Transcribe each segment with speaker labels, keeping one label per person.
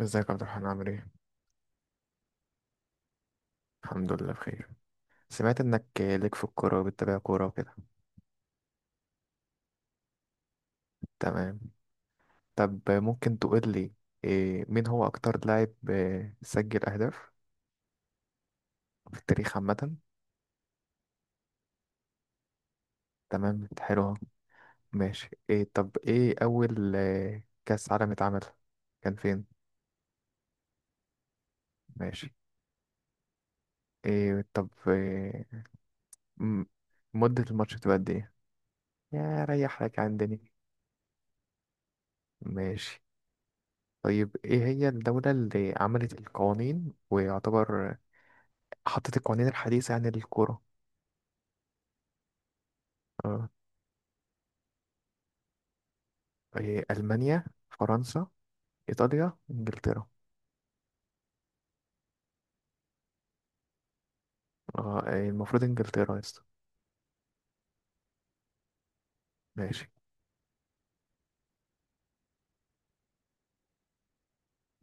Speaker 1: ازيك يا عبد الرحمن عامل ايه؟ الحمد لله بخير. سمعت انك ليك في الكورة وبتتابع كورة وكده. تمام. طب ممكن تقول لي إيه، مين هو اكتر لاعب إيه، سجل اهداف في التاريخ عامة؟ تمام حلو أهو. ماشي، إيه طب ايه اول كأس عالم اتعمل، كان فين؟ ماشي، إيه طب إيه م- مدة الماتش بتبقى قد ايه؟ يا ريح لك عن الدنيا. ماشي. طيب ايه هي الدولة اللي عملت القوانين ويعتبر حطت القوانين الحديثة يعني للكورة؟ آه. آه، إيه، ألمانيا، فرنسا، إيطاليا، إنجلترا؟ آه. إيه، المفروض إنجلترا يا اسطى. ماشي.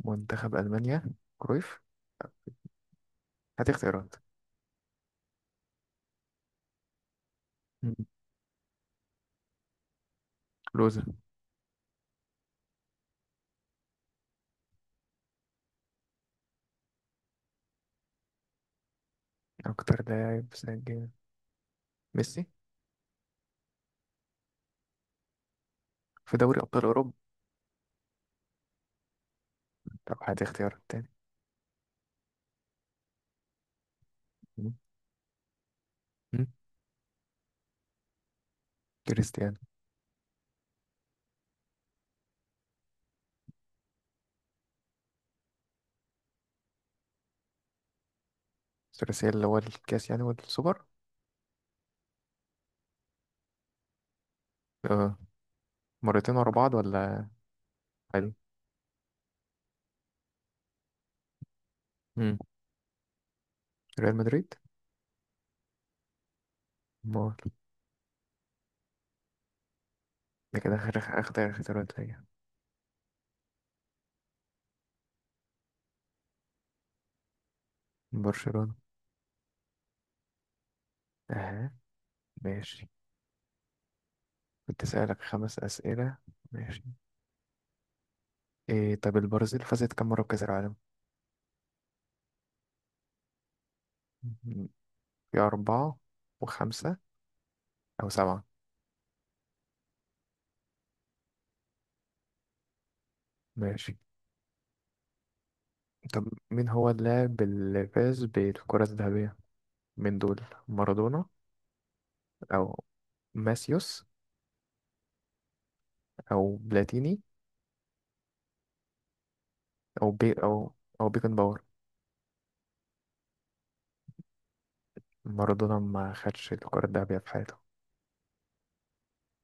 Speaker 1: منتخب ألمانيا؟ كرويف. هات اختيارات. مم. لوزة. أكتر لاعب سجل ميسي في دوري أبطال أوروبا. طب هات اختيارات تاني. مم. مم. كريستيانو. الثلاثية اللي هو الكاس يعني والسوبر؟ آه. مرتين ورا بعض ولا؟ عادي. مم. ريال مدريد. مول. ده كده آخر آخر اختيارات ليا. برشلونة. أها. ماشي. كنت أسألك خمس أسئلة. ماشي. إيه طب البرازيل فازت كم مرة بكأس العالم؟ م- في أربعة، وخمسة، أو سبعة؟ ماشي. طب مين هو اللاعب اللي فاز بالكرة الذهبية من دول؟ مارادونا، أو ماسيوس، أو بلاتيني، أو بي أو، أو بيكن باور؟ مارادونا ما خدش الكرة الذهبية في حياته.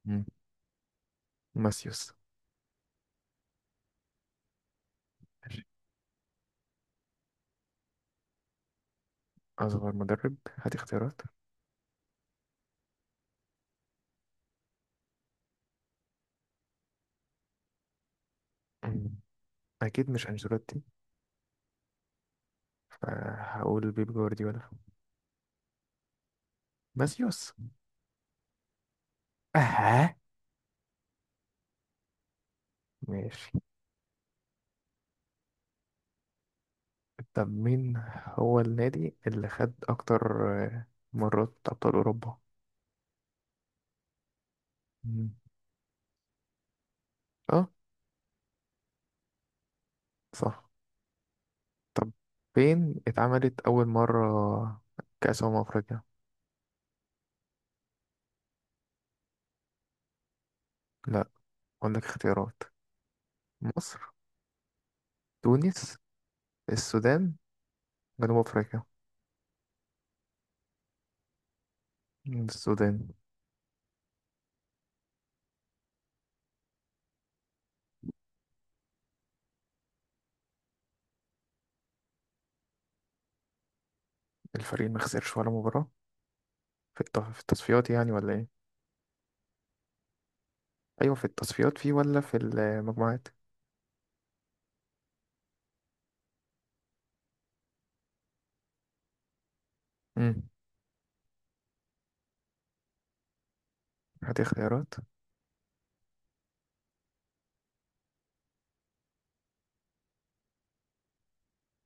Speaker 1: مم. ماسيوس. ماشي. أصغر مدرب، هات اختيارات. مم. أكيد مش أنشيلوتي، فهقول بيب جوارديولا. ماسيوس. اه. ماشي. طب مين هو النادي اللي خد اكتر مرات ابطال اوروبا؟ مم. اه صح. طب فين اتعملت اول مرة كأس أمم أفريقيا؟ لا، اقول لك اختيارات. مصر، تونس، السودان، جنوب أفريقيا؟ السودان. الفريق ما خسرش ولا مباراة؟ في في التصفيات يعني ولا ايه؟ ايوه في التصفيات فيه ولا في المجموعات؟ امم. هاتي اختيارات.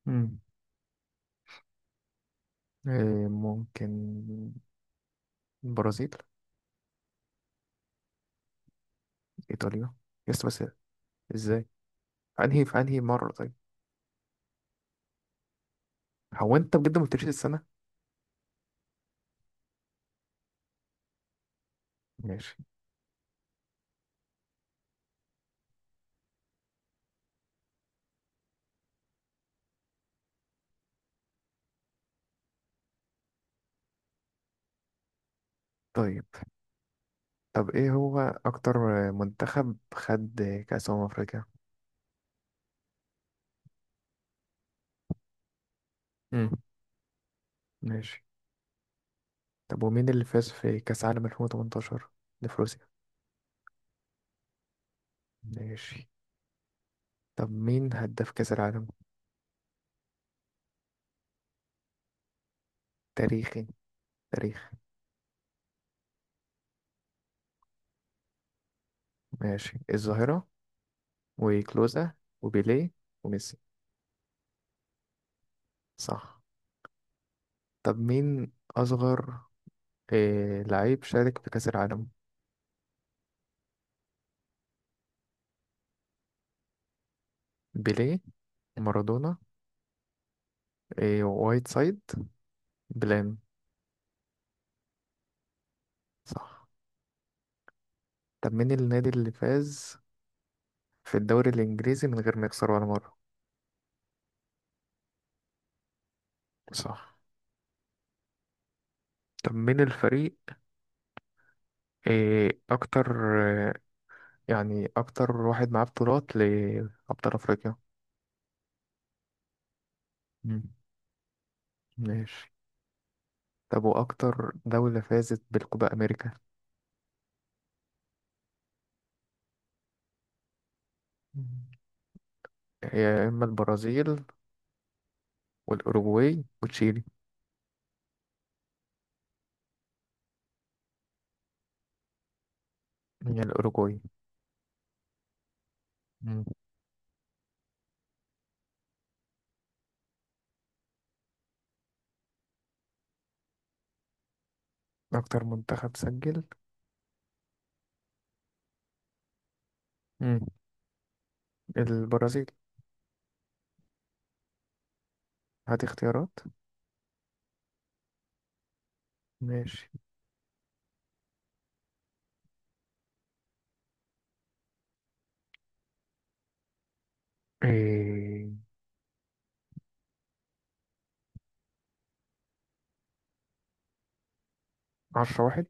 Speaker 1: مم. إيه ممكن البرازيل. ايطاليا، يس بس. ازاي؟ في انهي مره طيب؟ هو انت بجد ما قلتليش السنه. ماشي. طيب. طب ايه هو اكتر منتخب خد كاس افريقيا؟ امم. ماشي. طب ومين اللي فاز في كاس عالم 2018 لفروسيا؟ ماشي. طب مين هداف كاس العالم تاريخي؟ تاريخ. ماشي الظاهره، وكلوزا، وبيليه، وميسي؟ صح. طب مين اصغر إيه لعيب شارك في كاس العالم؟ بيليه، مارادونا، إيه وايت سايد، بلان؟ صح. طب مين النادي اللي فاز في الدوري الإنجليزي من غير ما يخسر ولا مرة؟ صح. طب مين الفريق، إيه أكتر آه، يعني أكتر واحد معاه بطولات لأبطال أفريقيا؟ مم. ماشي. طب وأكتر دولة فازت بالكوبا أمريكا؟ مم. يا إما البرازيل، والأوروغواي، وتشيلي. هي الأوروغواي. مم. أكتر منتخب سجل. مم. البرازيل. هات اختيارات. ماشي. إيه 10-1.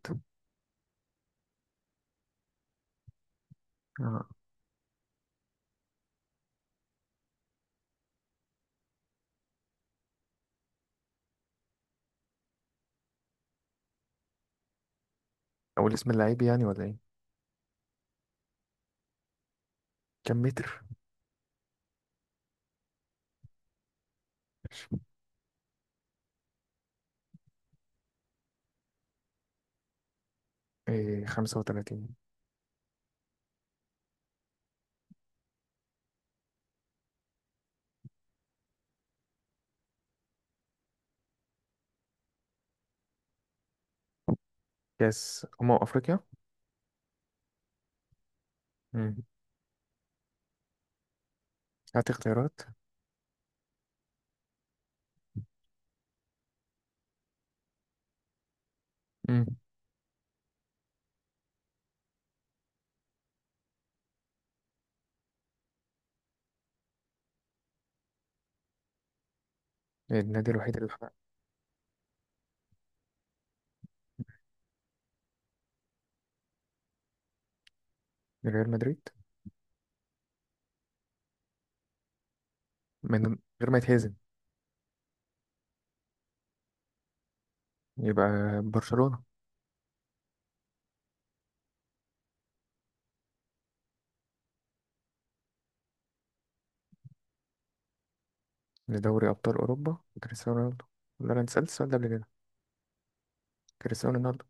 Speaker 1: آه. أول اسم اللعيب يعني ولا إيه؟ كم متر؟ إيه 35. كأس أمم أفريقيا. مم. هات اختيارات. مم. النادي الوحيد اللي حقق. ريال مدريد. من غير ما يتهزم، يبقى برشلونة. لدوري أبطال أوروبا، كريستيانو رونالدو. ولا أنا اتسألت السؤال ده قبل كده؟ كريستيانو رونالدو.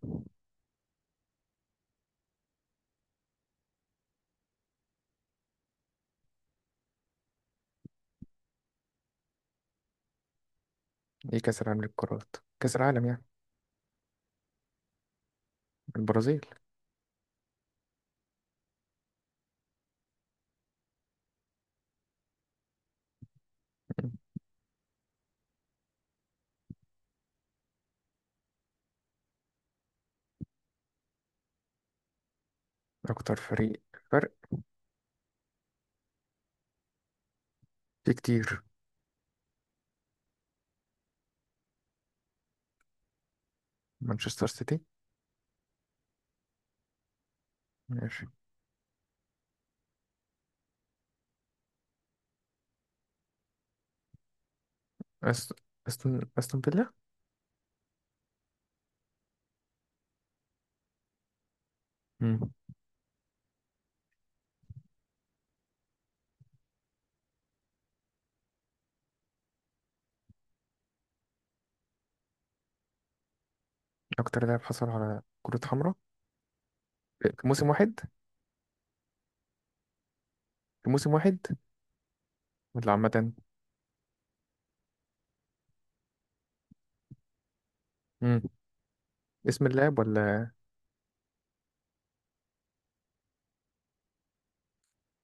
Speaker 1: إيه كأس العالم للقارات، كأس العالم يعني؟ البرازيل. مم. أكتر فريق، فرق. في كتير. مانشستر سيتي. ماشي. أس- أستون فيلا. اكتر لاعب حصل على كرة حمراء. في موسم واحد. في موسم واحد ولا عامة؟ امم. اسم اللاعب ولا؟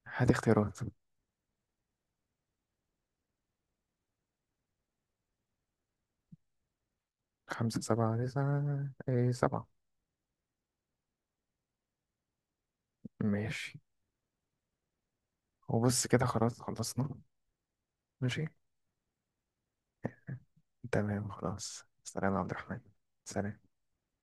Speaker 1: هات اختيارات، خمسة، سبعة، تسعة؟ ايه سبعة. ماشي. وبص كده خلاص خلصنا. ماشي. تمام خلاص، سلام يا عبد الرحمن. سلام.